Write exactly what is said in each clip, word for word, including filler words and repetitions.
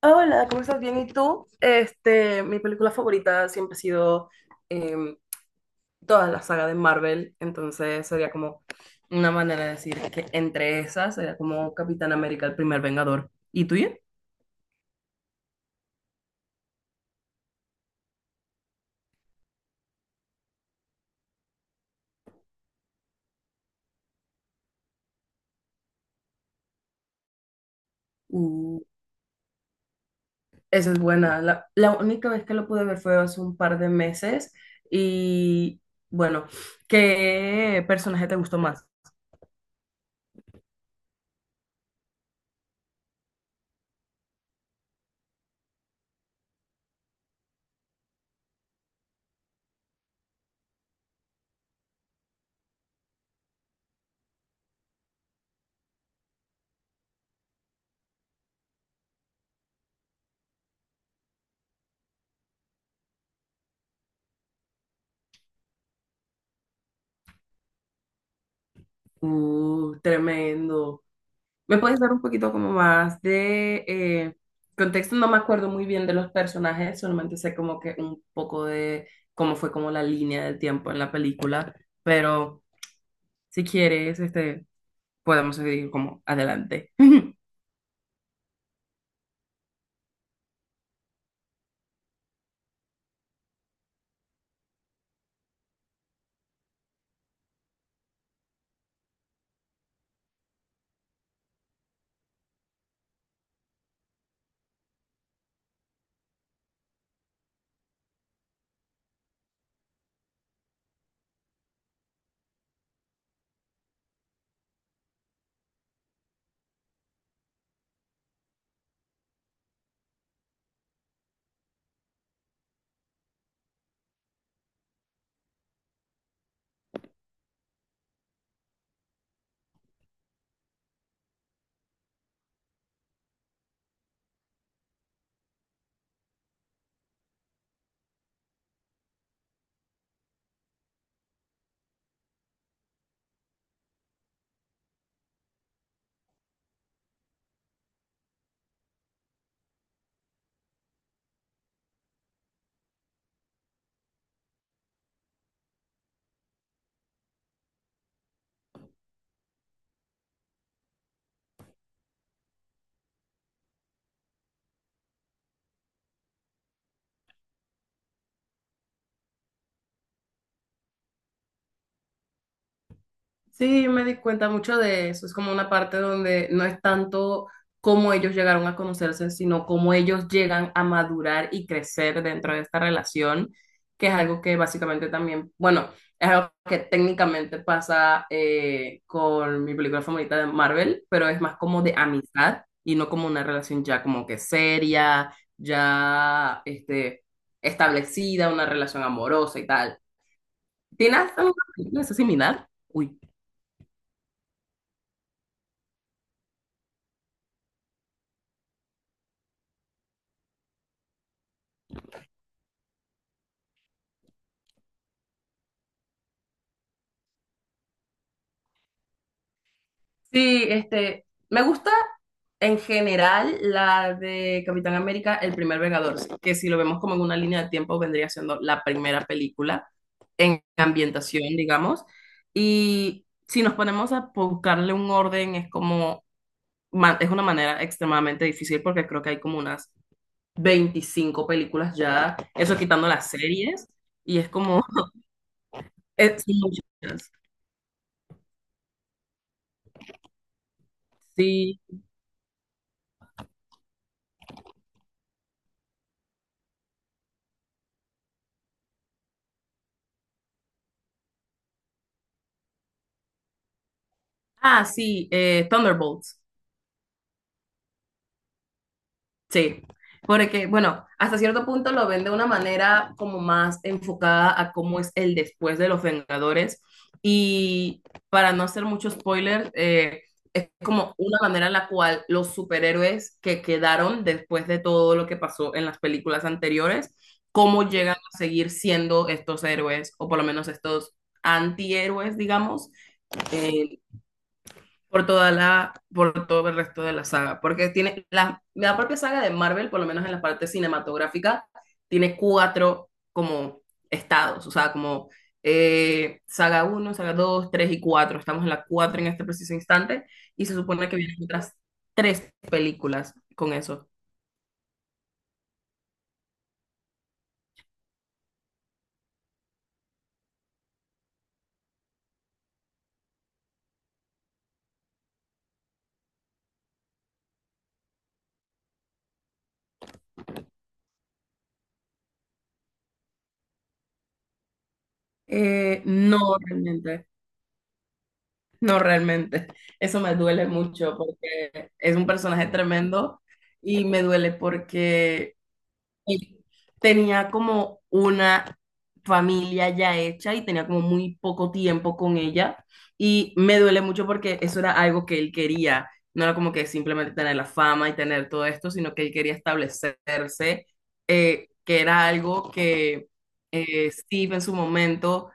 Ah, hola, ¿cómo estás? Bien, ¿y tú? Este, mi película favorita siempre ha sido em, toda la saga de Marvel, entonces sería como una manera de decir que entre esas sería como Capitán América, el primer Vengador. ¿Y tuya? Uh, esa es buena. La, la única vez que lo pude ver fue hace un par de meses y bueno, ¿qué personaje te gustó más? Uh, tremendo. ¿Me puedes dar un poquito como más de eh, contexto? No me acuerdo muy bien de los personajes, solamente sé como que un poco de cómo fue como la línea del tiempo en la película, pero si quieres, este, podemos seguir como adelante. Sí, yo me di cuenta mucho de eso. Es como una parte donde no es tanto cómo ellos llegaron a conocerse, sino cómo ellos llegan a madurar y crecer dentro de esta relación, que es algo que básicamente también, bueno, es algo que técnicamente pasa eh, con mi película favorita de Marvel, pero es más como de amistad y no como una relación ya como que seria, ya este, establecida, una relación amorosa y tal. ¿Tienes alguna película así similar? Uy. Sí, este, me gusta en general la de Capitán América, el primer Vengador, sí, que si lo vemos como en una línea de tiempo vendría siendo la primera película en ambientación, digamos. Y si nos ponemos a buscarle un orden, es como, ma- es una manera extremadamente difícil porque creo que hay como unas veinticinco películas ya, eso quitando las series, y es como, es son muchas. Sí. Ah, sí, eh, Thunderbolts. Sí, porque bueno, hasta cierto punto lo ven de una manera como más enfocada a cómo es el después de los Vengadores y para no hacer mucho spoiler, eh, es como una manera en la cual los superhéroes que quedaron después de todo lo que pasó en las películas anteriores, cómo llegan a seguir siendo estos héroes o por lo menos estos antihéroes, digamos, eh, por toda la, por todo el resto de la saga, porque tiene la, la propia saga de Marvel, por lo menos en la parte cinematográfica, tiene cuatro como estados, o sea, como eh, saga uno, saga dos, tres y cuatro, estamos en la cuatro en este preciso instante, y se supone que vienen otras tres películas con eso. Eh, no realmente, no realmente, Eso me duele mucho porque es un personaje tremendo y me duele porque él tenía como una familia ya hecha y tenía como muy poco tiempo con ella. Y me duele mucho porque eso era algo que él quería. No era como que simplemente tener la fama y tener todo esto, sino que él quería establecerse, eh, que era algo que eh, Steve en su momento,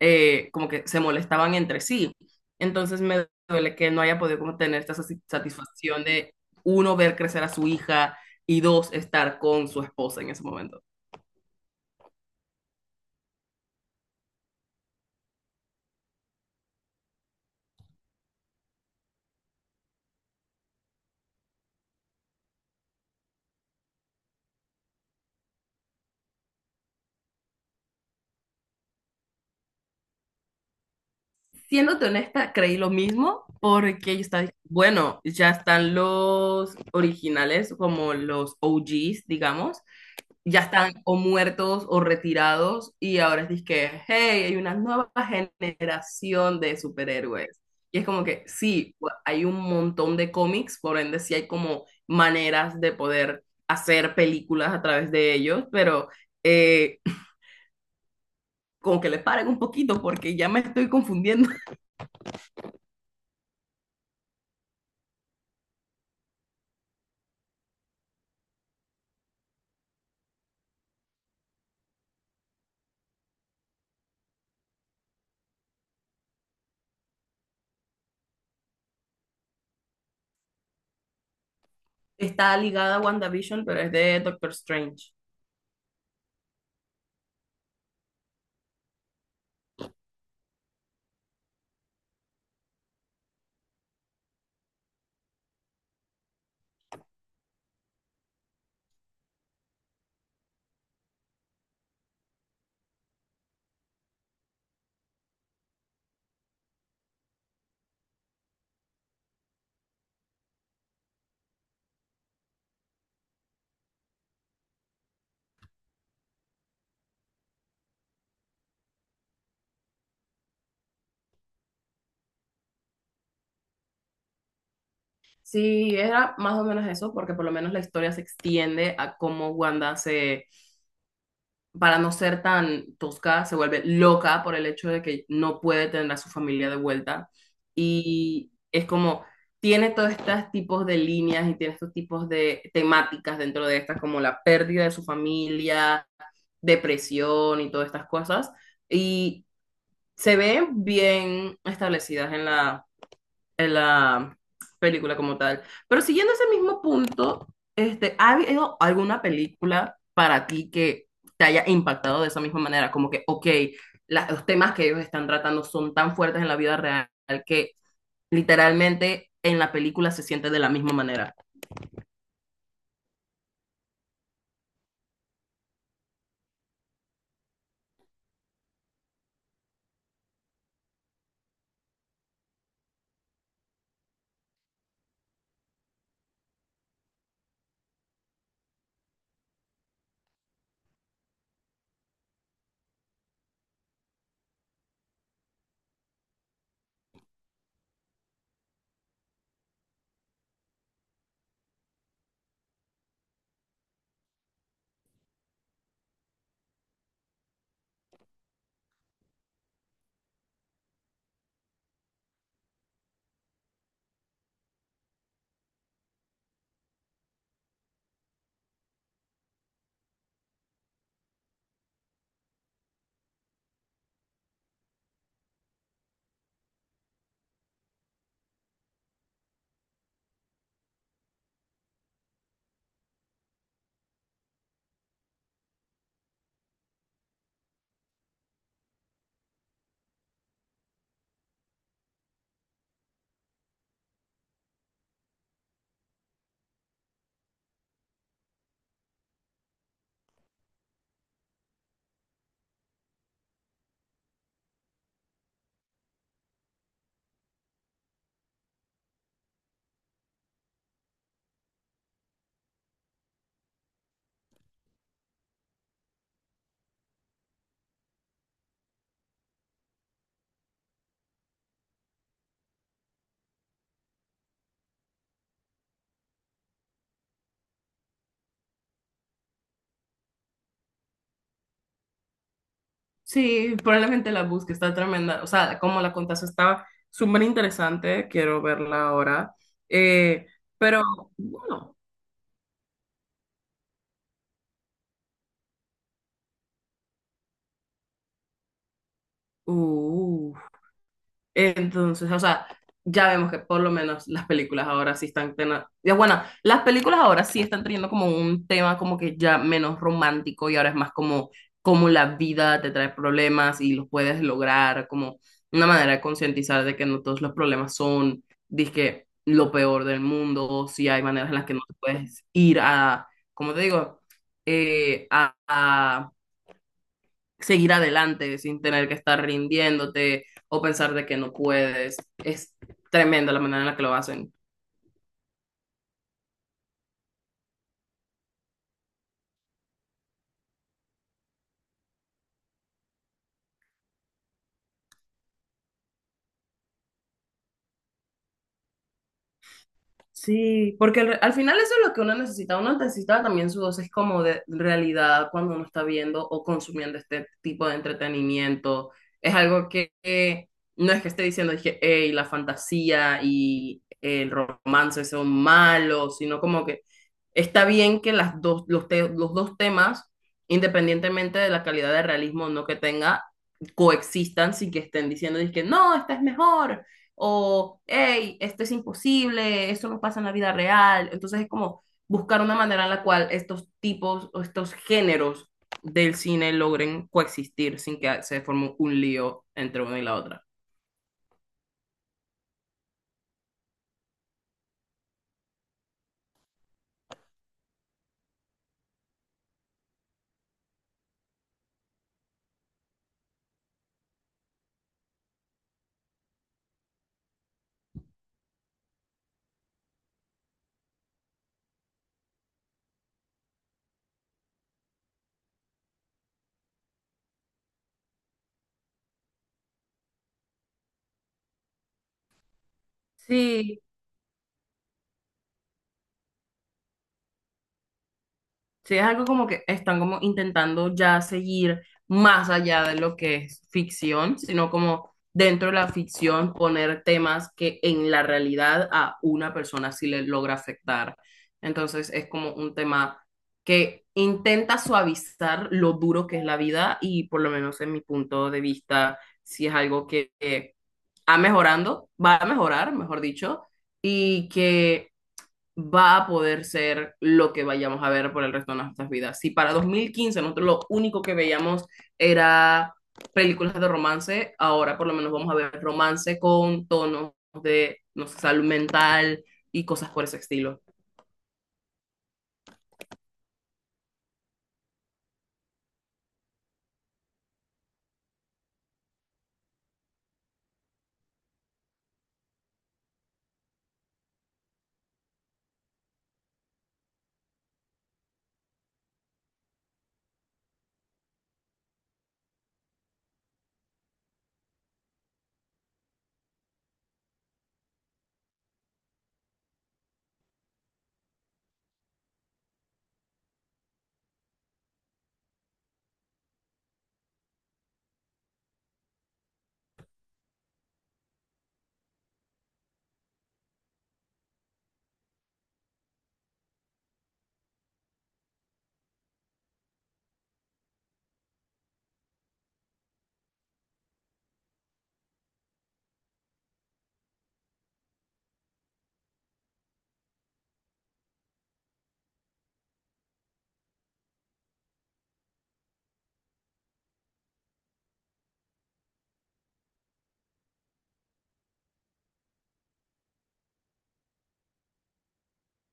eh, como que se molestaban entre sí. Entonces me duele que él no haya podido como tener esta sati- satisfacción de uno, ver crecer a su hija, y dos, estar con su esposa en ese momento. Siéndote honesta, creí lo mismo porque yo estaba, bueno, ya están los originales, como los O Gs, digamos, ya están o muertos o retirados y ahora es que, hey, hay una nueva generación de superhéroes. Y es como que sí, pues, hay un montón de cómics, por ende sí hay como maneras de poder hacer películas a través de ellos, pero eh, como que le paren un poquito porque ya me estoy confundiendo. Está ligada a WandaVision, pero es de Doctor Strange. Sí, era más o menos eso, porque por lo menos la historia se extiende a cómo Wanda se, para no ser tan tosca, se vuelve loca por el hecho de que no puede tener a su familia de vuelta. Y es como, tiene todos estos tipos de líneas y tiene estos tipos de temáticas dentro de estas, como la pérdida de su familia, depresión y todas estas cosas. Y se ven bien establecidas en la, en la película como tal. Pero siguiendo ese mismo punto, este, ¿ha habido alguna película para ti que te haya impactado de esa misma manera? Como que, ok, la- los temas que ellos están tratando son tan fuertes en la vida real que literalmente en la película se siente de la misma manera. Sí, probablemente la busque, está tremenda. O sea, como la contaste, estaba súper interesante. Quiero verla ahora. Eh, pero bueno. Uh, entonces, o sea, ya vemos que por lo menos las películas ahora sí están tena- ya bueno, las películas ahora sí están teniendo como un tema como que ya menos romántico y ahora es más como como la vida te trae problemas y los puedes lograr, como una manera de concientizar de que no todos los problemas son, dizque, lo peor del mundo, o si hay maneras en las que no te puedes ir a, como te digo, eh, a, seguir adelante sin tener que estar rindiéndote o pensar de que no puedes. Es tremenda la manera en la que lo hacen. Sí, porque al, al final eso es lo que uno necesita. Uno necesita también su dosis como de realidad cuando uno está viendo o consumiendo este tipo de entretenimiento. Es algo que, que no es que esté diciendo, dije, hey, la fantasía y el romance son malos, sino como que está bien que las dos, los, te- los dos temas, independientemente de la calidad de realismo o no que tenga, coexistan sin que estén diciendo, dije, no, esta es mejor o, hey, esto es imposible, esto no pasa en la vida real. Entonces es como buscar una manera en la cual estos tipos o estos géneros del cine logren coexistir sin que se forme un lío entre una y la otra. sí. Sí, es algo como que están como intentando ya seguir más allá de lo que es ficción, sino como dentro de la ficción poner temas que en la realidad a una persona sí le logra afectar. Entonces es como un tema que intenta suavizar lo duro que es la vida y por lo menos en mi punto de vista, sí es algo que, que va mejorando, va a mejorar, mejor dicho, y que va a poder ser lo que vayamos a ver por el resto de nuestras vidas. Si para dos mil quince nosotros lo único que veíamos era películas de romance, ahora por lo menos vamos a ver romance con tonos de, no sé, salud mental y cosas por ese estilo.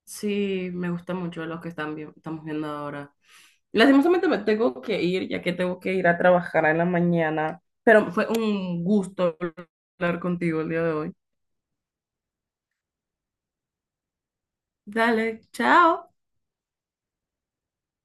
Sí, me gusta mucho lo que están vi- estamos viendo ahora. Lastimosamente me tengo que ir, ya que tengo que ir a trabajar en la mañana, pero fue un gusto hablar contigo el día de hoy. Dale, chao.